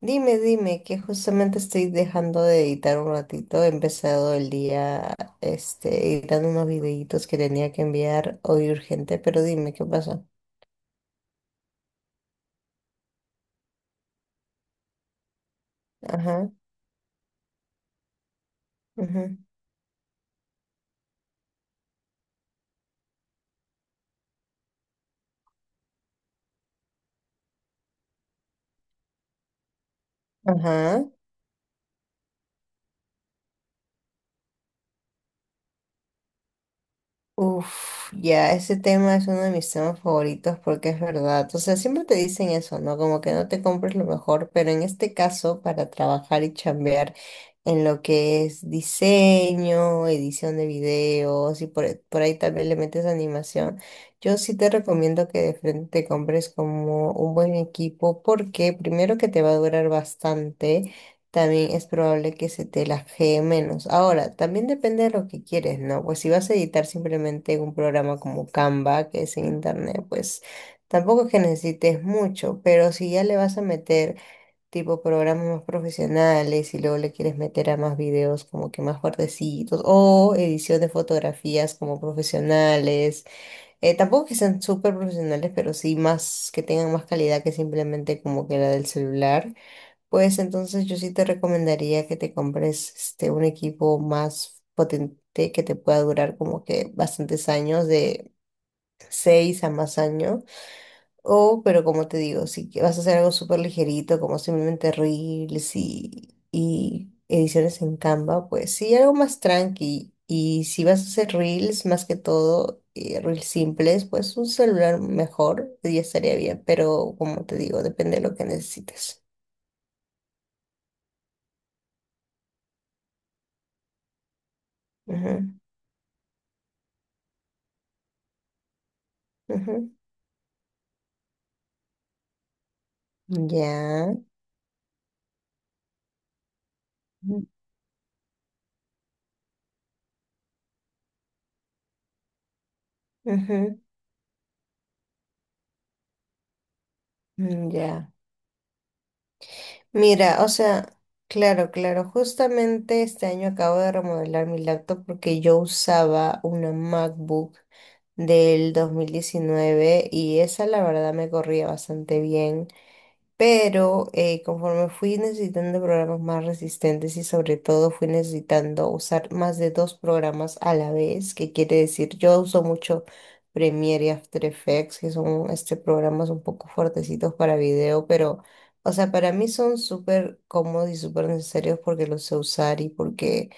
Dime, dime, que justamente estoy dejando de editar un ratito. He empezado el día, editando unos videitos que tenía que enviar hoy urgente, pero dime, ¿qué pasó? Ajá, ajá, ajá. Uf, ya, ese tema es uno de mis temas favoritos porque es verdad. O sea, siempre te dicen eso, ¿no? Como que no te compres lo mejor, pero en este caso, para trabajar y chambear en lo que es diseño, edición de videos y por ahí también le metes animación, yo sí te recomiendo que de frente te compres como un buen equipo porque primero que te va a durar bastante, también es probable que se te lajee menos. Ahora, también depende de lo que quieres, ¿no? Pues si vas a editar simplemente en un programa como Canva, que es en internet, pues tampoco es que necesites mucho, pero si ya le vas a meter tipo programas más profesionales y luego le quieres meter a más videos como que más fuertecitos o edición de fotografías como profesionales, tampoco que sean súper profesionales, pero sí más que tengan más calidad que simplemente como que la del celular. Pues entonces yo sí te recomendaría que te compres un equipo más potente que te pueda durar como que bastantes años, de seis a más años. O, pero como te digo, si que vas a hacer algo súper ligerito, como simplemente reels y ediciones en Canva, pues sí, algo más tranqui. Y si vas a hacer reels, más que todo, reels simples, pues un celular mejor ya estaría bien. Pero como te digo, depende de lo que necesites. Ujú, ujú. Ya. Ujú. Ya. Mira, o sea, claro, claro, justamente este año acabo de remodelar mi laptop porque yo usaba una MacBook del 2019 y esa la verdad me corría bastante bien. Pero conforme fui necesitando programas más resistentes y sobre todo fui necesitando usar más de dos programas a la vez, que quiere decir, yo uso mucho Premiere y After Effects, que son programas un poco fuertecitos para video, pero, o sea, para mí son súper cómodos y súper necesarios porque los sé usar y porque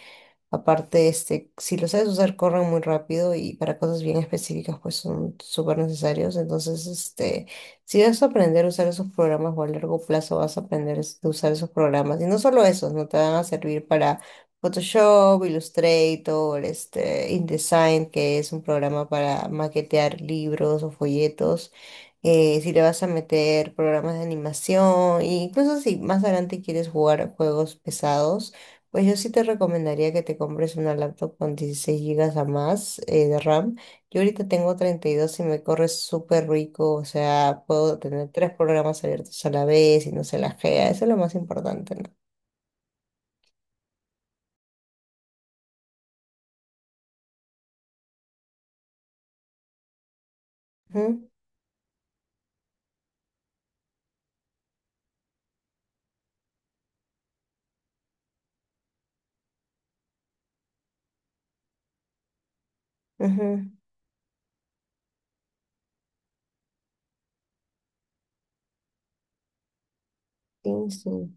aparte, si lo sabes usar, corren muy rápido y para cosas bien específicas, pues son súper necesarios. Entonces, si vas a aprender a usar esos programas o a largo plazo vas a aprender a usar esos programas. Y no solo esos, no te van a servir para Photoshop, Illustrator, InDesign, que es un programa para maquetear libros o folletos. Si le vas a meter programas de animación, e incluso si más adelante quieres jugar a juegos pesados, pues yo sí te recomendaría que te compres una laptop con 16 gigas a más, de RAM. Yo ahorita tengo 32 y dos y me corre súper rico, o sea, puedo tener tres programas abiertos a la vez y no se lajea, eso es lo más importante, ¿no? Ujú, ujú. Sí, sí.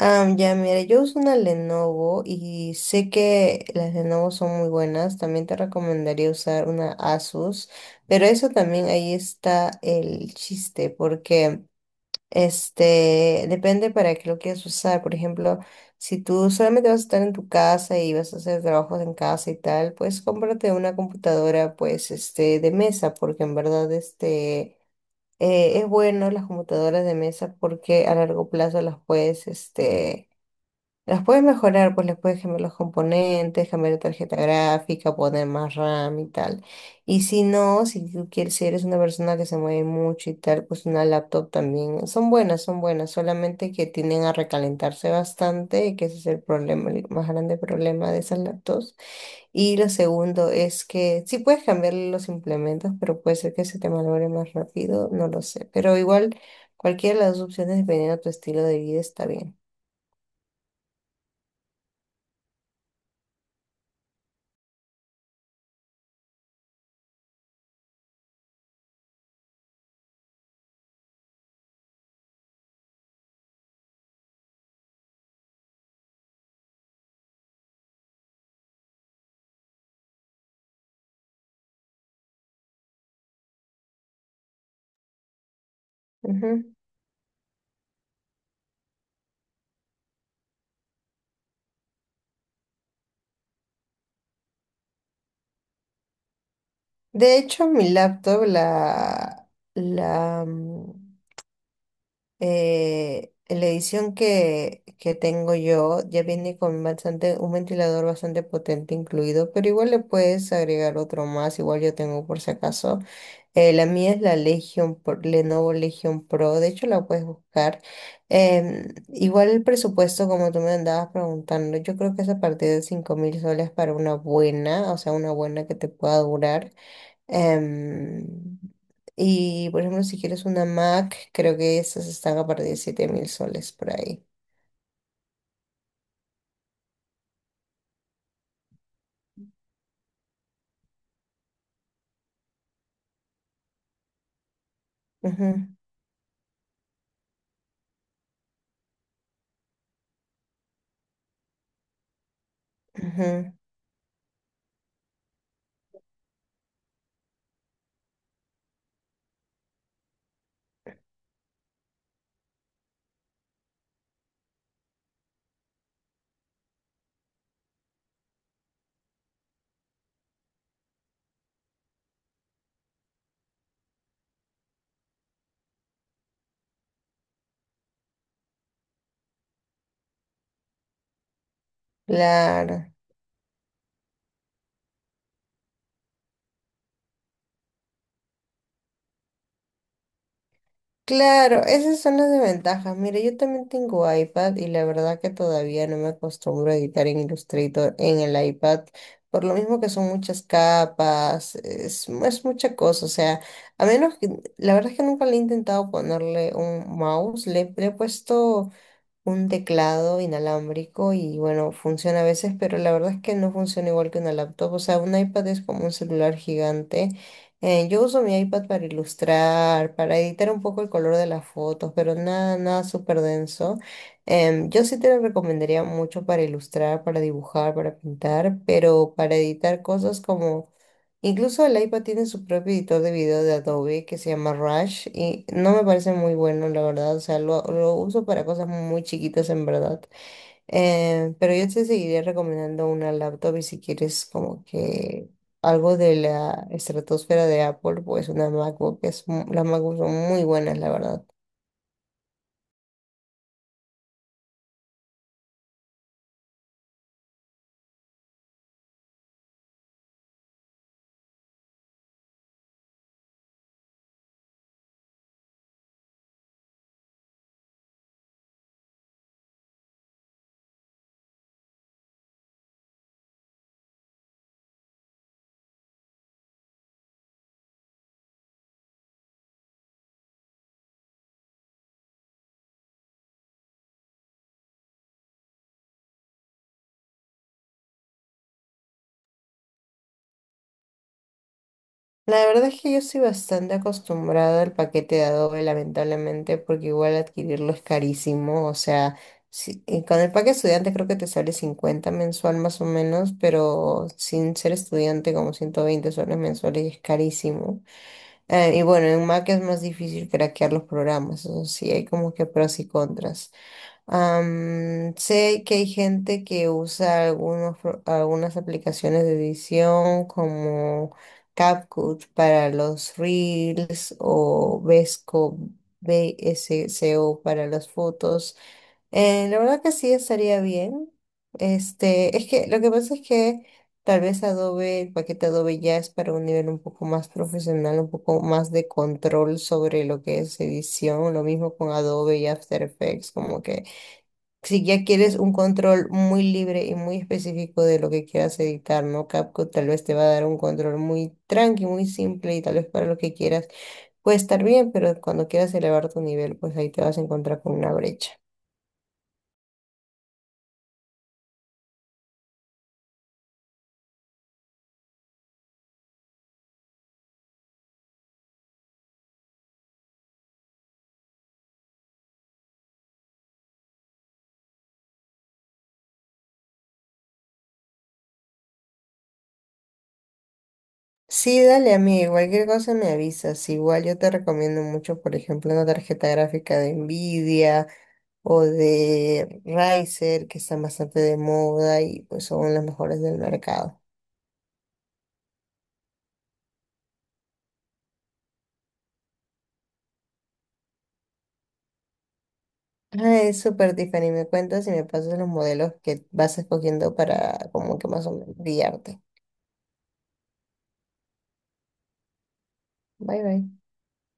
Ah, ya, mira, yo uso una Lenovo y sé que las Lenovo son muy buenas. También te recomendaría usar una Asus, pero eso también ahí está el chiste, porque depende para qué lo quieras usar. Por ejemplo, si tú solamente vas a estar en tu casa y vas a hacer trabajos en casa y tal, pues cómprate una computadora, pues, de mesa, porque en verdad, es bueno las computadoras de mesa porque a largo plazo las puedes, las puedes mejorar, pues les puedes cambiar los componentes, cambiar la tarjeta gráfica, poner más RAM y tal. Y si no, si tú quieres, si eres una persona que se mueve mucho y tal, pues una laptop también. Son buenas, solamente que tienden a recalentarse bastante, y que ese es el problema, el más grande problema de esas laptops. Y lo segundo es que sí puedes cambiar los implementos, pero puede ser que se te malogre más rápido, no lo sé. Pero igual, cualquiera de las dos opciones, dependiendo de tu estilo de vida, está bien. Ujú. De hecho, mi laptop, la edición que tengo yo, ya viene con bastante, un ventilador bastante potente incluido, pero igual le puedes agregar otro más, igual yo tengo por si acaso. La mía es la Lenovo Legion Pro, de hecho la puedes buscar. Igual el presupuesto, como tú me andabas preguntando, yo creo que es a partir de 5000 soles para una buena, o sea, una buena que te pueda durar. Em, y por ejemplo, si quieres una Mac, creo que esas están a partir de 7000 soles por ahí. Ujú, ujú. Claro, claro, esas son las desventajas. Mira, yo también tengo iPad y la verdad que todavía no me acostumbro a editar en Illustrator en el iPad, por lo mismo que son muchas capas, es mucha cosa. O sea, a menos que, la verdad es que nunca le he intentado ponerle un mouse, le he puesto un teclado inalámbrico y bueno, funciona a veces, pero la verdad es que no funciona igual que una laptop. O sea, un iPad es como un celular gigante. Yo uso mi iPad para ilustrar, para editar un poco el color de las fotos, pero nada, nada súper denso. Yo sí te lo recomendaría mucho para ilustrar, para dibujar, para pintar, pero para editar cosas como, incluso el iPad tiene su propio editor de video de Adobe que se llama Rush y no me parece muy bueno, la verdad. O sea, lo uso para cosas muy chiquitas en verdad. Pero yo te seguiría recomendando una laptop y si quieres como que algo de la estratosfera de Apple, pues una MacBook es, las MacBooks son muy buenas, la verdad. La verdad es que yo estoy bastante acostumbrada al paquete de Adobe, lamentablemente, porque igual adquirirlo es carísimo. O sea, y con el paquete estudiante creo que te sale 50 mensual más o menos, pero sin ser estudiante como 120 soles mensuales y es carísimo. Y bueno, en Mac es más difícil craquear los programas, eso sí, hay como que pros y contras. Sé que hay gente que usa algunos, algunas aplicaciones de edición como CapCut para los Reels o Vesco, VSCO para las fotos. La verdad que sí estaría bien. Es que lo que pasa es que tal vez Adobe, el paquete Adobe ya es para un nivel un poco más profesional, un poco más de control sobre lo que es edición. Lo mismo con Adobe y After Effects, como que si ya quieres un control muy libre y muy específico de lo que quieras editar, ¿no? CapCut tal vez te va a dar un control muy tranqui, muy simple y tal vez para lo que quieras puede estar bien, pero cuando quieras elevar tu nivel, pues ahí te vas a encontrar con una brecha. Sí, dale amigo, cualquier cosa me avisas. Igual yo te recomiendo mucho, por ejemplo, una tarjeta gráfica de Nvidia o de Razer, que están bastante de moda y pues son las mejores del mercado. Ah, es súper Tiffany, me cuentas y me pasas los modelos que vas escogiendo para como que más o menos guiarte. Bye bye.